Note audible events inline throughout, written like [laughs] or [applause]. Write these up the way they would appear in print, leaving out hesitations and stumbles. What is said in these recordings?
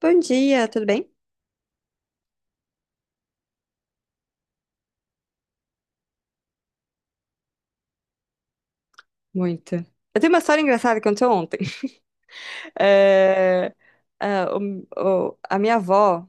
Bom dia, tudo bem? Muito. Eu tenho uma história engraçada que aconteceu ontem. [laughs] É, ah, o- a minha avó,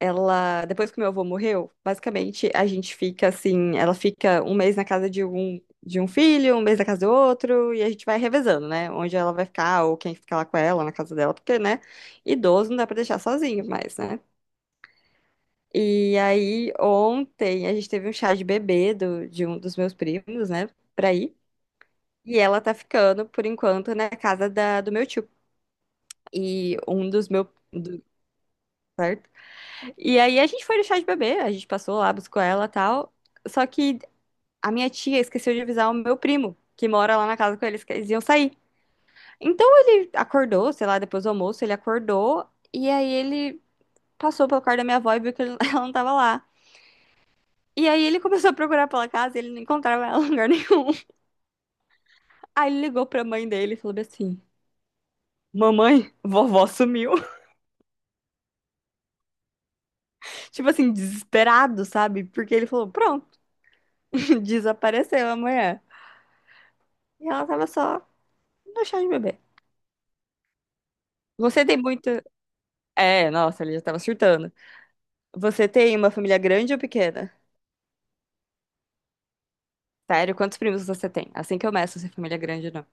ela, depois que meu avô morreu, basicamente a gente fica assim, ela fica um mês na casa de um filho, um mês na casa do outro, e a gente vai revezando, né? Onde ela vai ficar, ou quem fica lá com ela, na casa dela, porque, né? Idoso não dá pra deixar sozinho mais, né? E aí, ontem, a gente teve um chá de bebê do, de um dos meus primos, né? Pra ir. E ela tá ficando, por enquanto, na casa da, do meu tio. E um dos meus. Do- certo? E aí a gente foi no chá de bebê, a gente passou lá, buscou ela e tal. Só que a minha tia esqueceu de avisar o meu primo, que mora lá na casa com eles, que eles iam sair. Então ele acordou, sei lá, depois do almoço, ele acordou. E aí ele passou pelo quarto da minha avó e viu que ele- [laughs] ela não tava lá. E aí ele começou a procurar pela casa, e ele não encontrava ela em lugar nenhum. Aí ele ligou pra mãe dele e falou bem assim: mamãe, vovó sumiu. Tipo assim, desesperado, sabe? Porque ele falou, pronto, [laughs] desapareceu amanhã. E ela tava só no chá de bebê. Você tem muito. É, nossa, ele já tava surtando. Você tem uma família grande ou pequena? Sério, quantos primos você tem? Assim que eu meço se é família grande ou não.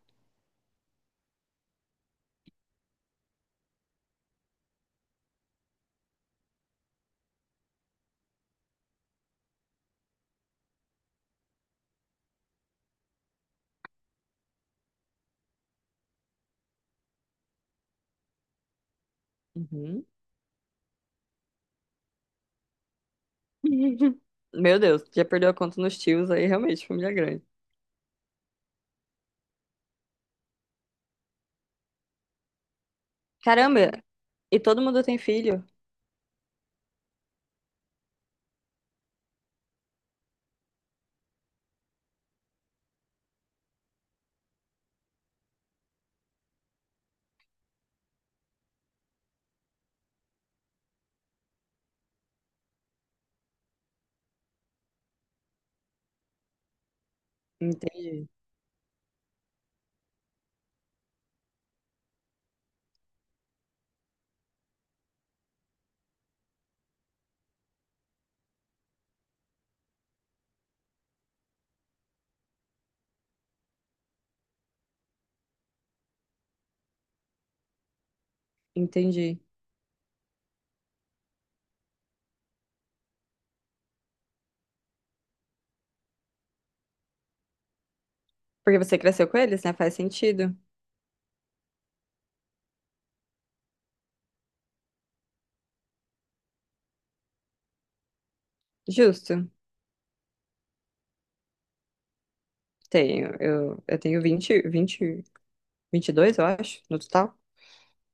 Uhum. [laughs] Meu Deus, já perdeu a conta nos tios aí, realmente, família grande. Caramba, e todo mundo tem filho? Entendi, entendi. Porque você cresceu com eles, né? Faz sentido. Justo. Tenho, eu tenho 20 20 22, eu acho, no total.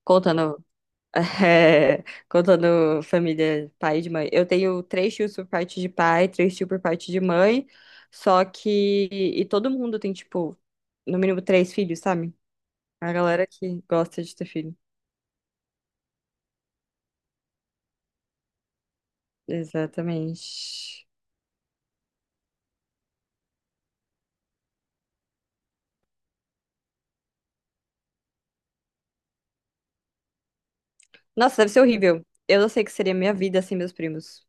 Contando, [laughs] é, contando família pai e de mãe. Eu tenho três tios por parte de pai, três tios por parte de mãe. Só que. E todo mundo tem, tipo, no mínimo três filhos, sabe? A galera que gosta de ter filho. Exatamente. Nossa, deve ser horrível. Eu não sei o que seria minha vida sem meus primos.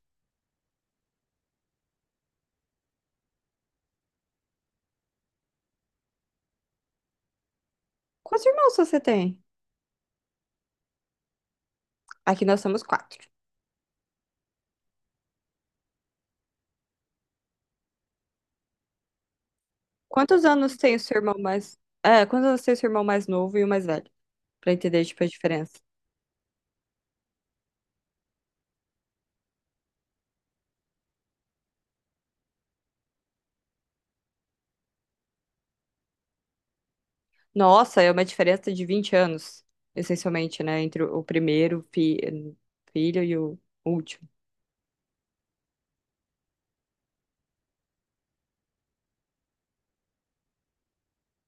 Quantos irmãos você tem? Aqui nós somos quatro. Quantos anos tem o seu irmão mais. É, quantos anos tem o seu irmão mais novo e o mais velho? Pra entender, tipo, a diferença. Nossa, é uma diferença de 20 anos, essencialmente, né? Entre o filho e o último.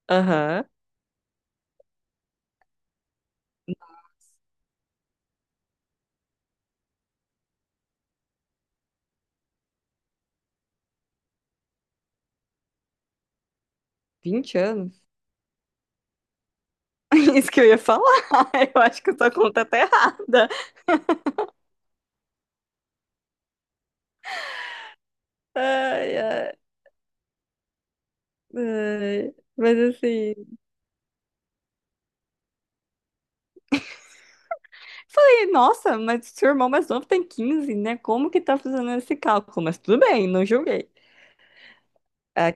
Aham. 20 anos? [laughs] Isso que eu ia falar. [laughs] Eu acho que a sua conta tá errada. Ai, ai, ai. Mas assim. Falei, nossa, mas seu irmão mais novo tem 15, né? Como que tá fazendo esse cálculo? Mas tudo bem, não julguei. A-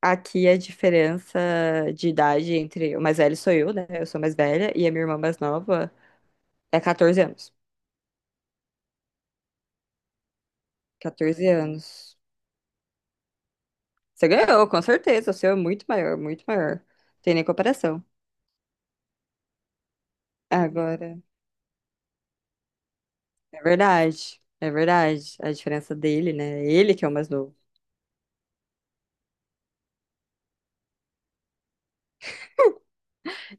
Aqui a diferença de idade entre o mais velho sou eu, né? Eu sou mais velha, e a minha irmã mais nova é 14 anos. 14 anos. Você ganhou, com certeza. O seu é muito maior, muito maior. Tem nem comparação. Agora, é verdade. É verdade. A diferença dele, né? Ele que é o mais novo.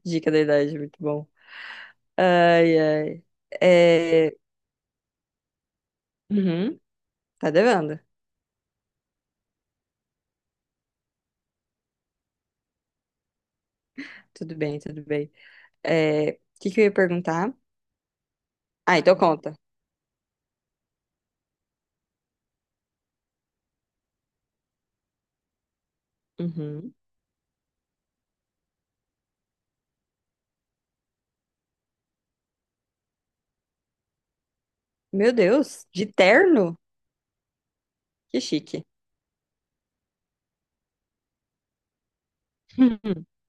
Dica da idade, muito bom. Ai, ai. É... Uhum, tá devendo. Tudo bem, tudo bem. É... O que que eu ia perguntar? Ah, então conta. Uhum. Meu Deus, de terno? Que chique. [laughs]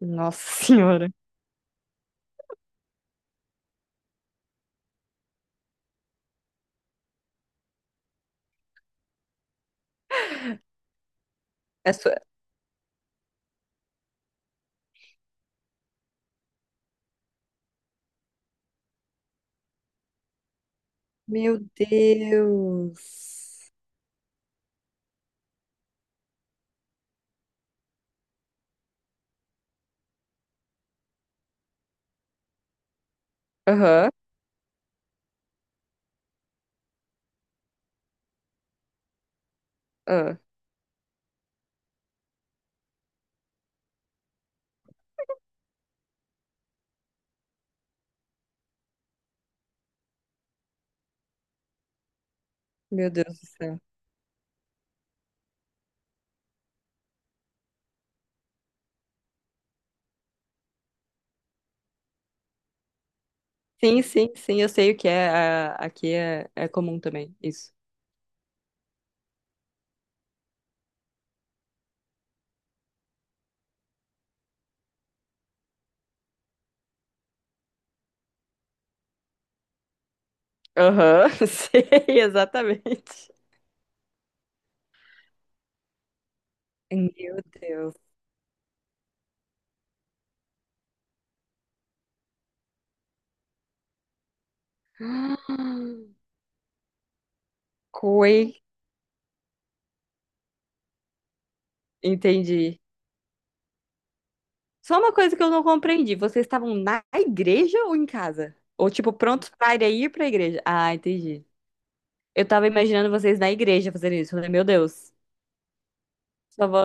Nossa Senhora. É sua... Meu Deus. Aham. Ah, meu Deus do céu. Sim, sim, sim, eu sei o que é. A- Aqui é, é comum também, isso. Aham, [laughs] sei, exatamente. Meu Deus. Ah, Coi, entendi. Só uma coisa que eu não compreendi. Vocês estavam na igreja ou em casa? Ou tipo, prontos para ir pra igreja? Ah, entendi. Eu tava imaginando vocês na igreja fazendo isso. Eu falei, meu Deus, só vou.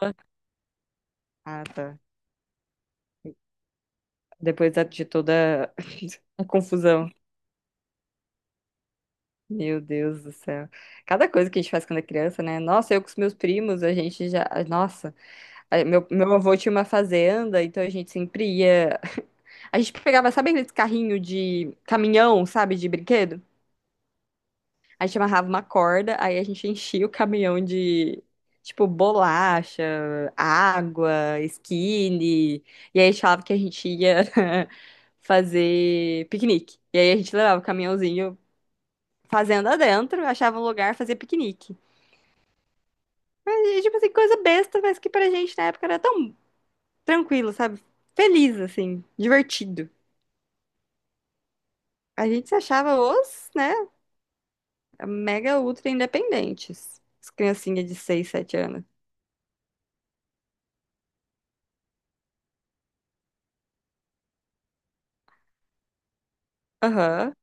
Ah, tá. Depois da- de toda [laughs] a confusão. Meu Deus do céu. Cada coisa que a gente faz quando é criança, né? Nossa, eu com os meus primos, a gente já. Nossa, meu avô tinha uma fazenda, então a gente sempre ia. [laughs] A gente pegava, sabe aqueles carrinho de caminhão, sabe, de brinquedo? A gente amarrava uma corda, aí a gente enchia o caminhão de, tipo, bolacha, água, skinny. E aí a gente falava que a gente ia [laughs] fazer piquenique. E aí a gente levava o caminhãozinho fazenda dentro, achava um lugar, fazia piquenique. Mas, tipo assim, coisa besta, mas que pra gente na época era tão tranquilo, sabe? Feliz, assim, divertido. A gente se achava os, né, mega ultra independentes. As criancinhas de 6 7 anos. Aham.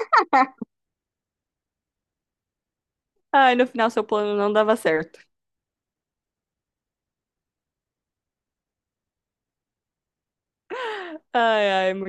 [laughs] Ai, no final seu plano não dava certo. Ai, ai, muito